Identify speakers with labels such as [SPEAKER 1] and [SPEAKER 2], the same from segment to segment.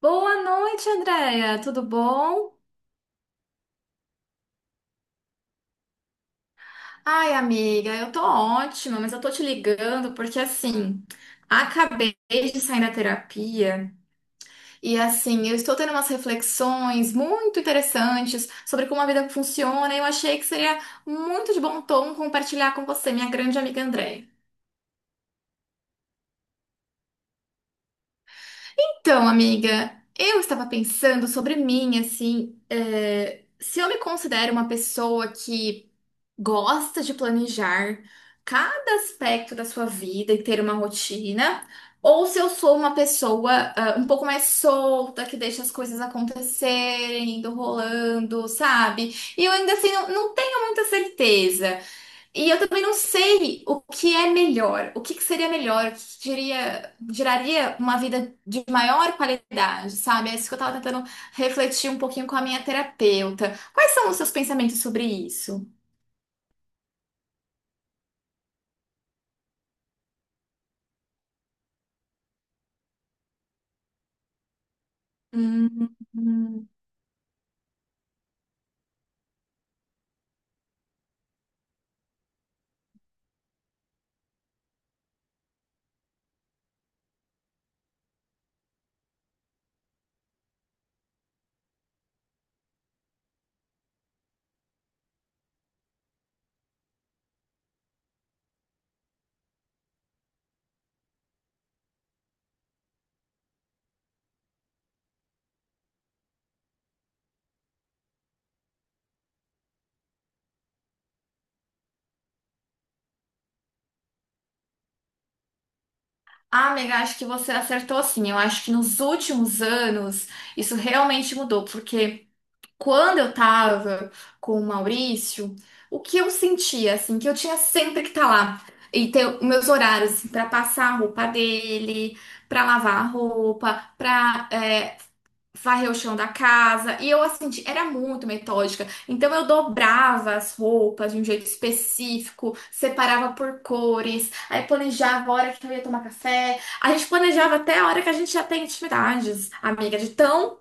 [SPEAKER 1] Boa noite, Andréia. Tudo bom? Ai, amiga, eu tô ótima, mas eu tô te ligando porque assim, acabei de sair da terapia e assim, eu estou tendo umas reflexões muito interessantes sobre como a vida funciona e eu achei que seria muito de bom tom compartilhar com você, minha grande amiga Andréia. Então, amiga, eu estava pensando sobre mim, assim, se eu me considero uma pessoa que gosta de planejar cada aspecto da sua vida e ter uma rotina, ou se eu sou uma pessoa, ah, um pouco mais solta, que deixa as coisas acontecerem, indo rolando, sabe? E eu ainda assim não tenho muita certeza. E eu também não sei o que é melhor, o que que seria melhor, o que que geraria uma vida de maior qualidade, sabe? É isso que eu tava tentando refletir um pouquinho com a minha terapeuta. Quais são os seus pensamentos sobre isso? Hum, hum. Ah, amiga, acho que você acertou sim. Eu acho que nos últimos anos isso realmente mudou, porque. Quando eu tava com o Maurício, o que eu sentia, assim, que eu tinha sempre que estar tá lá e ter os meus horários, assim, pra passar a roupa dele, pra lavar a roupa, pra varrer o chão da casa. E eu, assim, era muito metódica. Então, eu dobrava as roupas de um jeito específico, separava por cores, aí planejava a hora que eu ia tomar café. A gente planejava até a hora que a gente já tem intimidades, amiga, de tão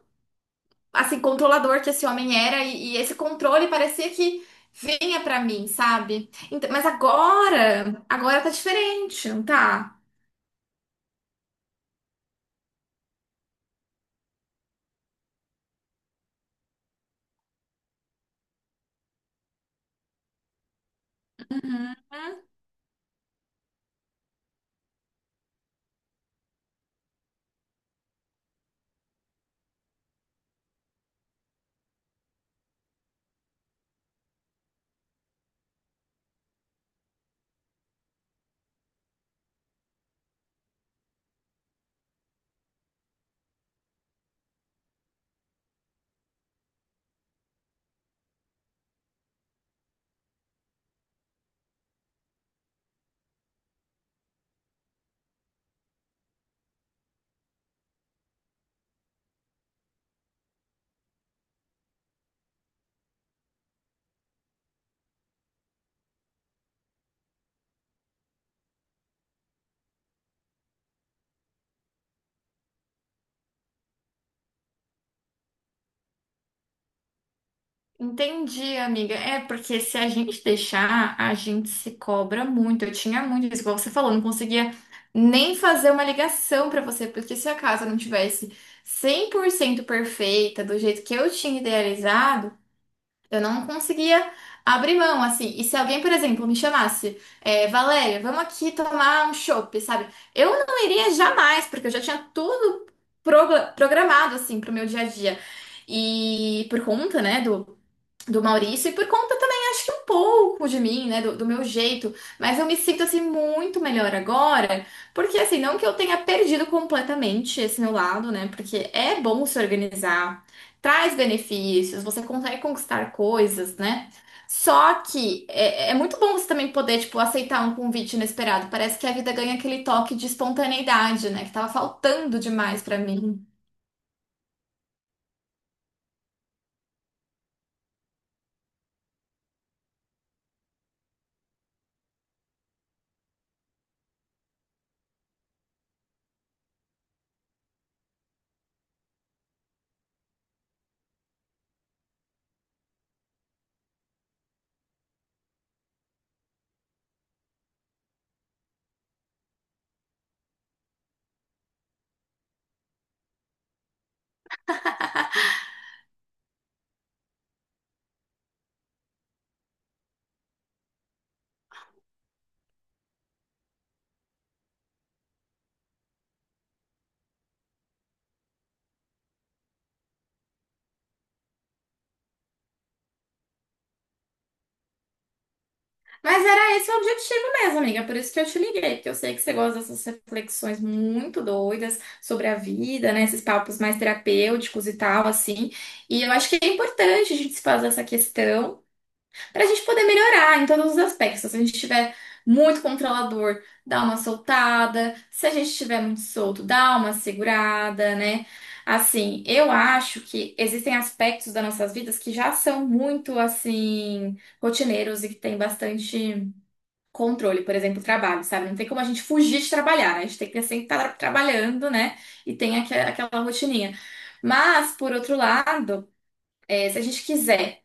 [SPEAKER 1] assim, controlador que esse homem era e esse controle parecia que vinha pra mim, sabe? Então, mas agora, agora tá diferente, não tá? Uhum. Entendi, amiga. É porque se a gente deixar, a gente se cobra muito. Eu tinha muito isso, igual você falou, não conseguia nem fazer uma ligação pra você, porque se a casa não tivesse 100% perfeita, do jeito que eu tinha idealizado, eu não conseguia abrir mão, assim. E se alguém, por exemplo, me chamasse, Valéria, vamos aqui tomar um chopp, sabe? Eu não iria jamais, porque eu já tinha tudo programado, assim, pro meu dia a dia. E por conta, né, do Maurício e por conta também, acho que um pouco de mim, né, do meu jeito, mas eu me sinto assim muito melhor agora, porque assim, não que eu tenha perdido completamente esse meu lado, né, porque é bom se organizar, traz benefícios, você consegue conquistar coisas, né? Só que é muito bom você também poder, tipo, aceitar um convite inesperado. Parece que a vida ganha aquele toque de espontaneidade, né? Que tava faltando demais pra mim. Mas era esse o objetivo mesmo, amiga. Por isso que eu te liguei, porque eu sei que você gosta dessas reflexões muito doidas sobre a vida, né? Esses papos mais terapêuticos e tal, assim. E eu acho que é importante a gente se fazer essa questão para a gente poder melhorar em todos os aspectos. Se a gente estiver muito controlador, dá uma soltada. Se a gente estiver muito solto, dá uma segurada, né? Assim, eu acho que existem aspectos das nossas vidas que já são muito, assim, rotineiros e que tem bastante controle, por exemplo, trabalho, sabe? Não tem como a gente fugir de trabalhar, né? A gente tem que sempre estar trabalhando, né? E tem aquela rotininha. Mas, por outro lado, se a gente quiser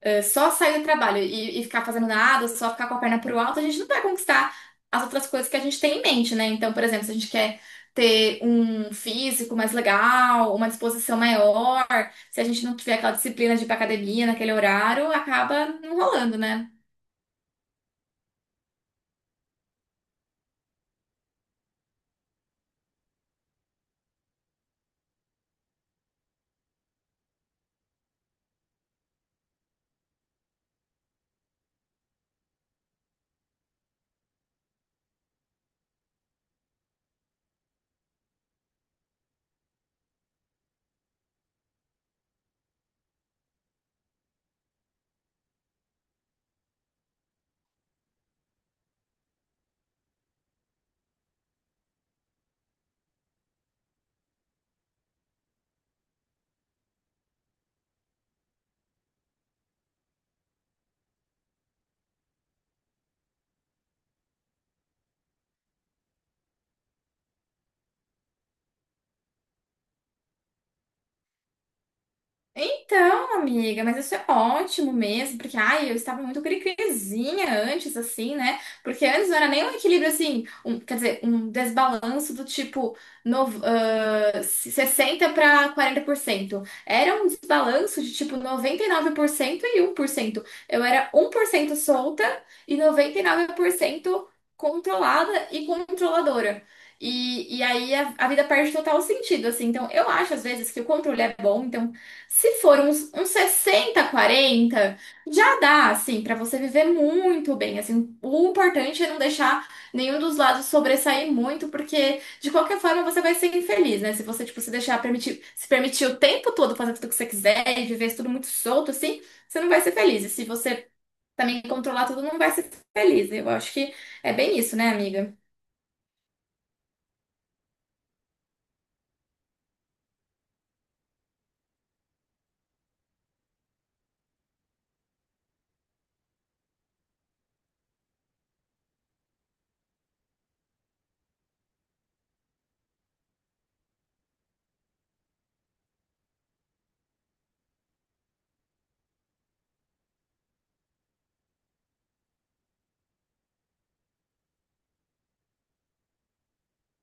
[SPEAKER 1] só sair do trabalho e ficar fazendo nada, só ficar com a perna pro alto, a gente não vai conquistar as outras coisas que a gente tem em mente, né? Então, por exemplo, se a gente quer ter um físico mais legal, uma disposição maior, se a gente não tiver aquela disciplina de ir pra academia naquele horário, acaba não rolando, né? Então, amiga, mas isso é ótimo mesmo, porque ai, eu estava muito cri antes, assim, né? Porque antes não era nem um equilíbrio assim, quer dizer, um desbalanço do tipo 60 para quarenta por cento. Era um desbalanço de tipo noventa e nove por cento e 1%. Eu era 1% solta e 99% controlada e controladora. E aí a vida perde total sentido, assim. Então, eu acho às vezes que o controle é bom, então se for uns, uns 60, 40, já dá, assim, pra você viver muito bem, assim. O importante é não deixar nenhum dos lados sobressair muito, porque de qualquer forma você vai ser infeliz, né? Se você, tipo, se deixar permitir, se permitir o tempo todo fazer tudo que você quiser e viver tudo muito solto, assim, você não vai ser feliz. E se você também controlar tudo, não vai ser feliz. Eu acho que é bem isso, né, amiga?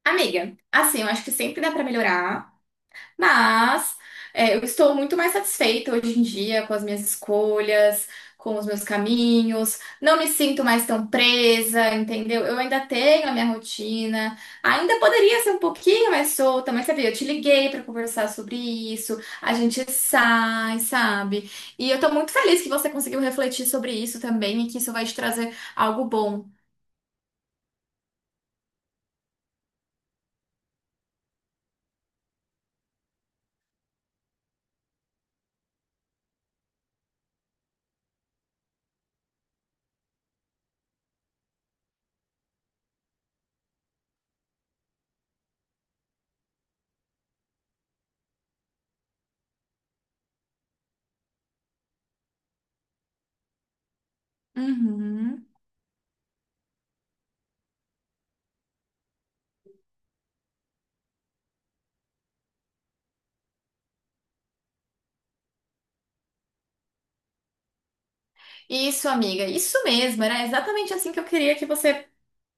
[SPEAKER 1] Amiga, assim, eu acho que sempre dá pra melhorar. Mas eu estou muito mais satisfeita hoje em dia com as minhas escolhas, com os meus caminhos. Não me sinto mais tão presa, entendeu? Eu ainda tenho a minha rotina. Ainda poderia ser um pouquinho mais solta, mas sabe, eu te liguei para conversar sobre isso. A gente sai, sabe? E eu tô muito feliz que você conseguiu refletir sobre isso também e que isso vai te trazer algo bom. Uhum. Isso, amiga, isso mesmo. Era exatamente assim que eu queria que você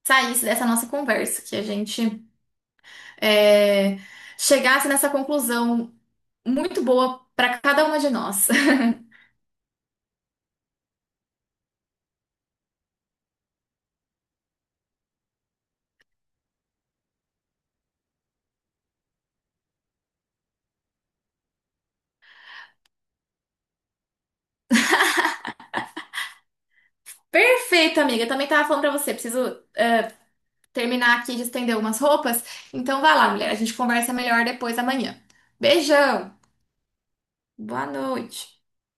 [SPEAKER 1] saísse dessa nossa conversa, que a gente é, chegasse nessa conclusão muito boa para cada uma de nós. Perfeito, amiga. Eu também tava falando para você, preciso terminar aqui de estender algumas roupas. Então vai lá, mulher. A gente conversa melhor depois amanhã. Beijão. Boa noite.